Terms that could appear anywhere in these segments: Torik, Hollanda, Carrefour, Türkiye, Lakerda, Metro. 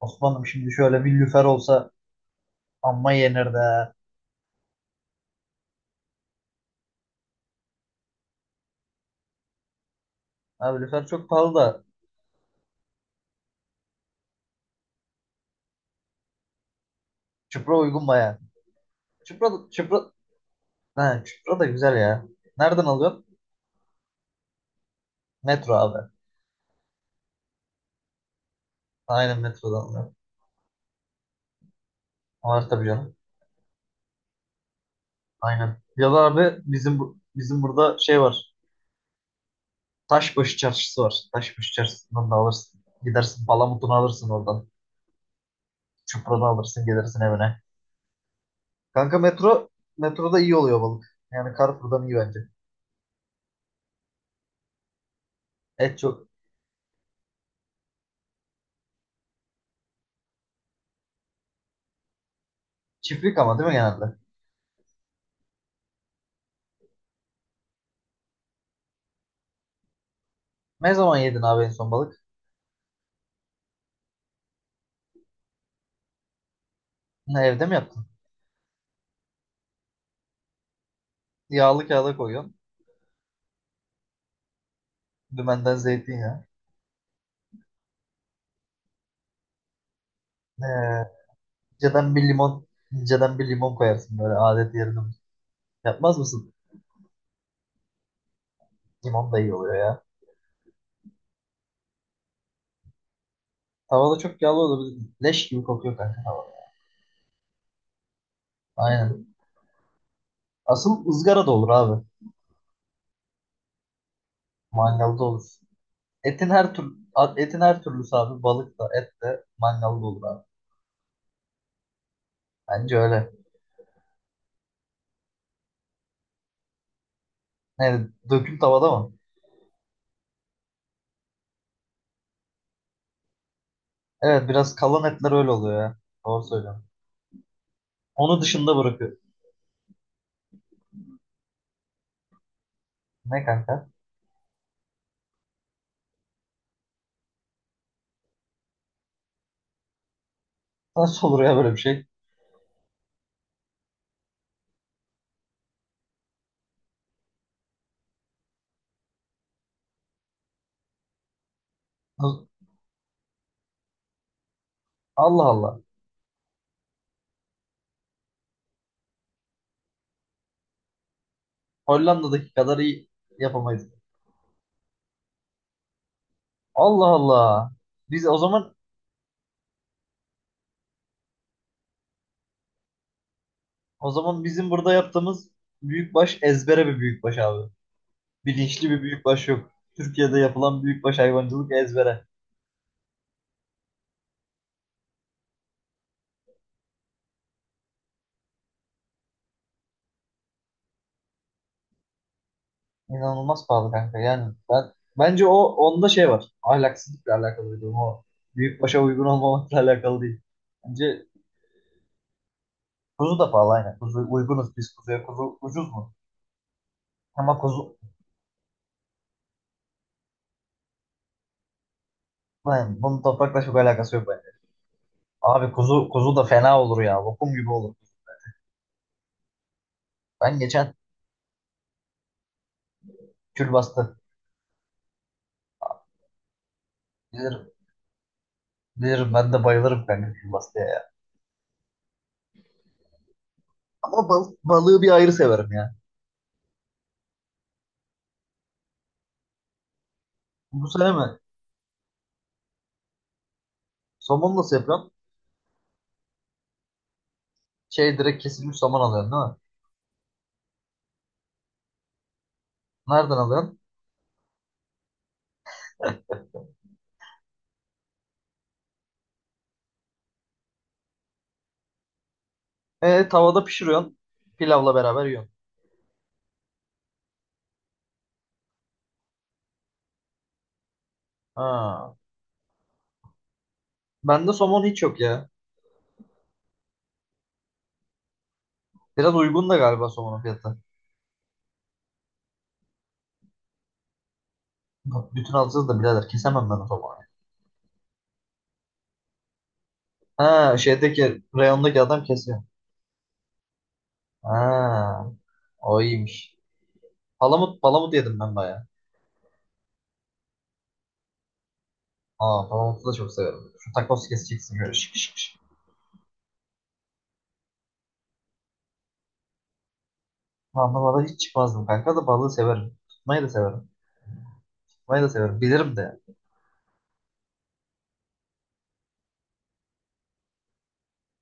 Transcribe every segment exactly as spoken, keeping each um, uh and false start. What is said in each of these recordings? Osman'ım şimdi şöyle bir lüfer olsa amma yenir de. Abi lüfer çok pahalı da. Çıpra uygun baya. Çıpra, da- çıpra, he, Çıpra da güzel ya. Nereden alıyorsun? Metro abi. Aynen metrodan alıyorum. Var tabii canım. Aynen. Ya da abi bizim bu- bizim burada şey var. Taşbaşı çarşısı var. Taşbaşı çarşısından da alırsın. Gidersin palamutunu alırsın oradan. Çıpranı alırsın gelirsin evine. Kanka metro metroda iyi oluyor balık. Yani Carrefour'dan iyi bence. Et çok çiftlik ama değil mi genelde? Ne zaman yedin abi en son balık? Ha, evde mi yaptın? Yağlı kağıda koyuyorsun. Dümenden zeytinyağı. Ee, inceden bir limon, inceden bir limon koyarsın böyle adet yerine. Yapmaz mısın? Limon da iyi oluyor ya. Tavada çok yağlı olur. Leş gibi kokuyor kanka tavada. Aynen. Asıl ızgara da olur abi. Mangalda olur. Etin her tür Etin her türlüsü abi. Balık da et de mangalda olur abi. Bence öyle. Yani dökül tavada mı? Evet biraz kalan etler öyle oluyor ya. Doğru söylüyorsun. Onu dışında bırakıyor. Ne kanka? Nasıl olur ya böyle bir şey? Allah Allah. Hollanda'daki kadar iyi yapamayız. Allah Allah. Biz o zaman o zaman bizim burada yaptığımız büyükbaş ezbere bir büyükbaş abi. Bilinçli bir büyükbaş yok. Türkiye'de yapılan büyükbaş hayvancılık ezbere. İnanılmaz pahalı kanka. Yani ben bence o onda şey var. Ahlaksızlıkla alakalı bir durum o. Büyükbaşa uygun olmamakla alakalı değil. Bence kuzu da pahalı aynen. Kuzu uygunuz biz kuzuya. Kuzu ucuz mu? Ama kuzu yani bunun toprakla çok alakası yok bence. Abi kuzu kuzu da fena olur ya. Lokum gibi olur. Ben geçen külbastı. Bilirim, bilirim ben de bayılırım kanka külbastıya ya. Ama bal, balığı bir ayrı severim ya. Bu sene mi? Somon nasıl yapıyorsun? Şey direkt kesilmiş somon alıyorsun değil mi? Nereden alıyorsun? E, tavada pişiriyorsun. Pilavla beraber yiyorsun. Ha. Bende somon hiç yok ya. Biraz uygun da galiba somonun fiyatı. Bütün alacağız da birader kesemem ben o somonu. Ha şeydeki reyondaki adam kesiyor. Ha. O iyiymiş. Palamut, palamut yedim ben bayağı. Aa, Palamut'u da çok severim. Şu takos keseceksin böyle şık şık şık. Anlamada hiç çıkmazdım kanka da balığı severim. Tutmayı da severim. Tutmayı da severim. Bilirim de.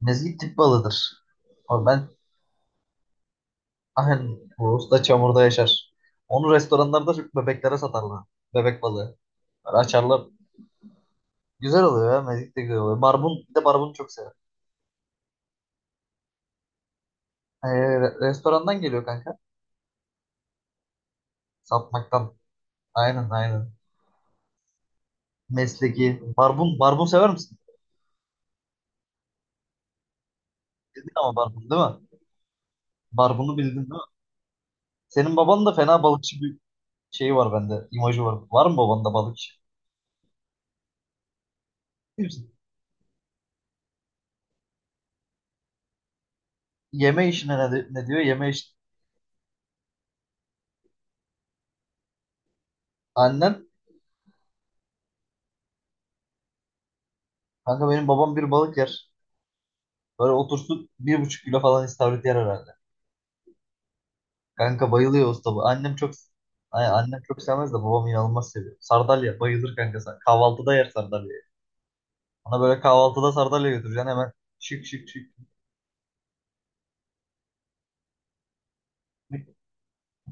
Mezgit tip balığıdır. Ama ben aynen bu usta çamurda yaşar. Onu restoranlarda çok bebeklere satarlar. Bebek balığı. Böyle açarlar. Güzel oluyor ya. Mezgit de güzel oluyor. Barbun. Bir de barbunu çok severim. Ee, re- restorandan geliyor kanka. Satmaktan. Aynen aynen. Mesleki. Barbun. Barbun sever misin? Bildin ama barbun değil mi? Barbunu bildin değil mi? Senin baban da fena balıkçı bir şeyi var bende. İmajı var. Var mı babanda balıkçı? Yeme işine ne, de- ne diyor? Yeme iş. Annen kanka benim babam bir balık yer. Böyle otursun bir buçuk kilo falan istavrit yer herhalde. Kanka bayılıyor usta bu. Annem çok Ay, annem çok sevmez de babam inanılmaz seviyor. Sardalya bayılır kanka. Sa- Kahvaltıda yer sardalyayı. Ona böyle kahvaltıda sardalya götüreceksin hemen şık şık şık.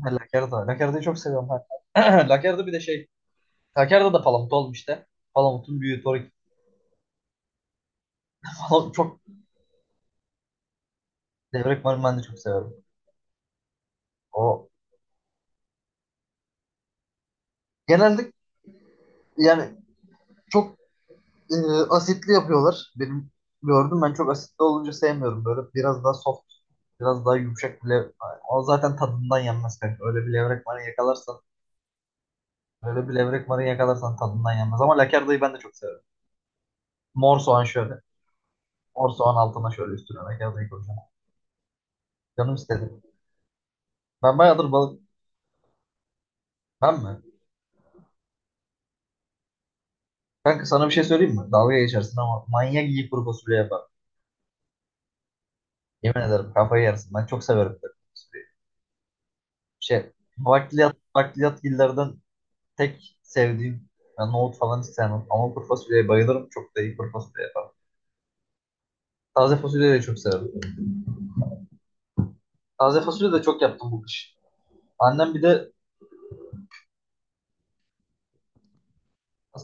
Ha, Lakerda. Lakerda'yı çok seviyorum kanka. Lakerda bir de şey. Lakerda da palamut olmuş işte. Palamutun büyüğü. Torik. Palamut çok. Levrek marul ben de çok severim. O Genelde yani çok e, asitli yapıyorlar. Benim gördüm, ben çok asitli olunca sevmiyorum. Böyle biraz daha soft, biraz daha yumuşak bile. O zaten tadından yenmez kanka. Öyle bir levrek marı yakalarsan, öyle bir levrek marı yakalarsan tadından yenmez. Ama lakardayı ben de çok severim. Mor soğan şöyle. Mor soğan altına şöyle üstüne lakardayı koyacağım. Canım istedi. Ben bayağıdır balık... Ben mi? Kanka sana bir şey söyleyeyim mi? Dalga geçersin ama manyak iyi kuru fasulye yapar. Yemin ederim kafayı yersin. Ben çok severim kuru fasulyeyi. Şey, bakliyat, Bakliyatgillerden tek sevdiğim ben nohut falan hiç sevmem. Ama kuru fasulyeye bayılırım. Çok da iyi kuru fasulye yaparım. Taze fasulyeyi de çok severim. Taze fasulye de çok yaptım bu kış. Annem bir de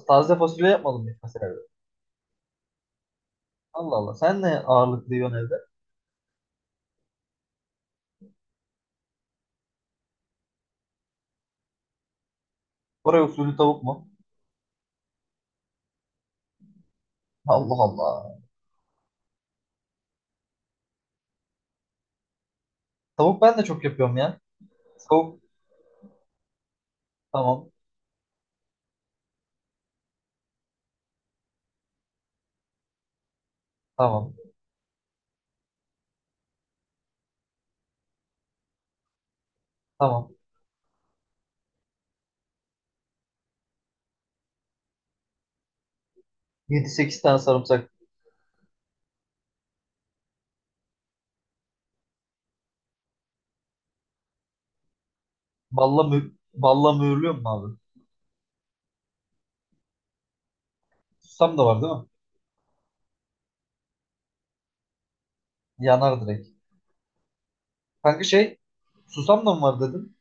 taze fasulye yapmadım hiç mesela. Evde. Allah Allah. Sen ne ağırlıklı yiyorsun evde? Oraya usulü tavuk mu? Allah Allah. Tavuk ben de çok yapıyorum ya. Tavuk tamam. Tamam. Tamam. Yedi sekiz tane sarımsak. Balla, mü balla mühürlüyor mu abi? Susam da var değil mi? Yanar direkt. Kanka şey susam da mı var dedin?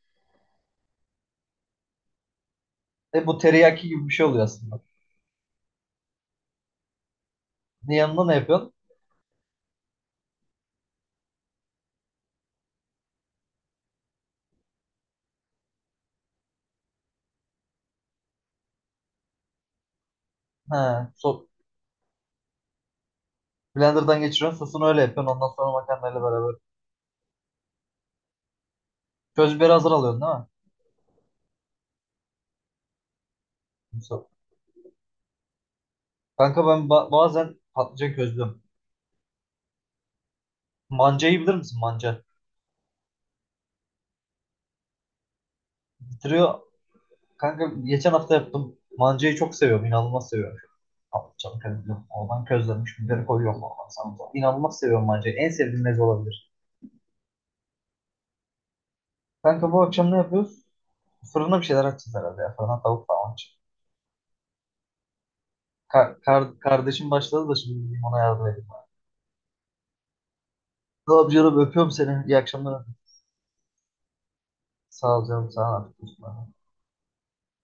E bu teriyaki gibi bir şey oluyor aslında. Ne yanına ne yapıyorsun? Ha, so blenderdan geçiriyorsun sosunu öyle yapıyorsun ondan sonra makarnayla beraber. Köz biberi hazır alıyorsun değil mi? So- Kanka ben ba- bazen patlıcan közlüyorum. Mancayı bilir misin, manca? Bitiriyor. Kanka geçen hafta yaptım. Mancayı çok seviyorum. İnanılmaz seviyorum. Patlıcanı közlüyorum. Oradan közlenmiş biberi koyuyorum. Oradan sana. Da. İnanılmaz seviyorum mancayı. En sevdiğim meze olabilir. Kanka bu akşam ne yapıyoruz? Fırına bir şeyler açacağız herhalde ya. Fırına tavuk falan açacağız. Ka- kar- kardeşim başladı da şimdi gideyim ona yardım edeyim. Ne yapıyorum? Öpüyorum seni. İyi akşamlar. Sağ ol canım. Sağ ol.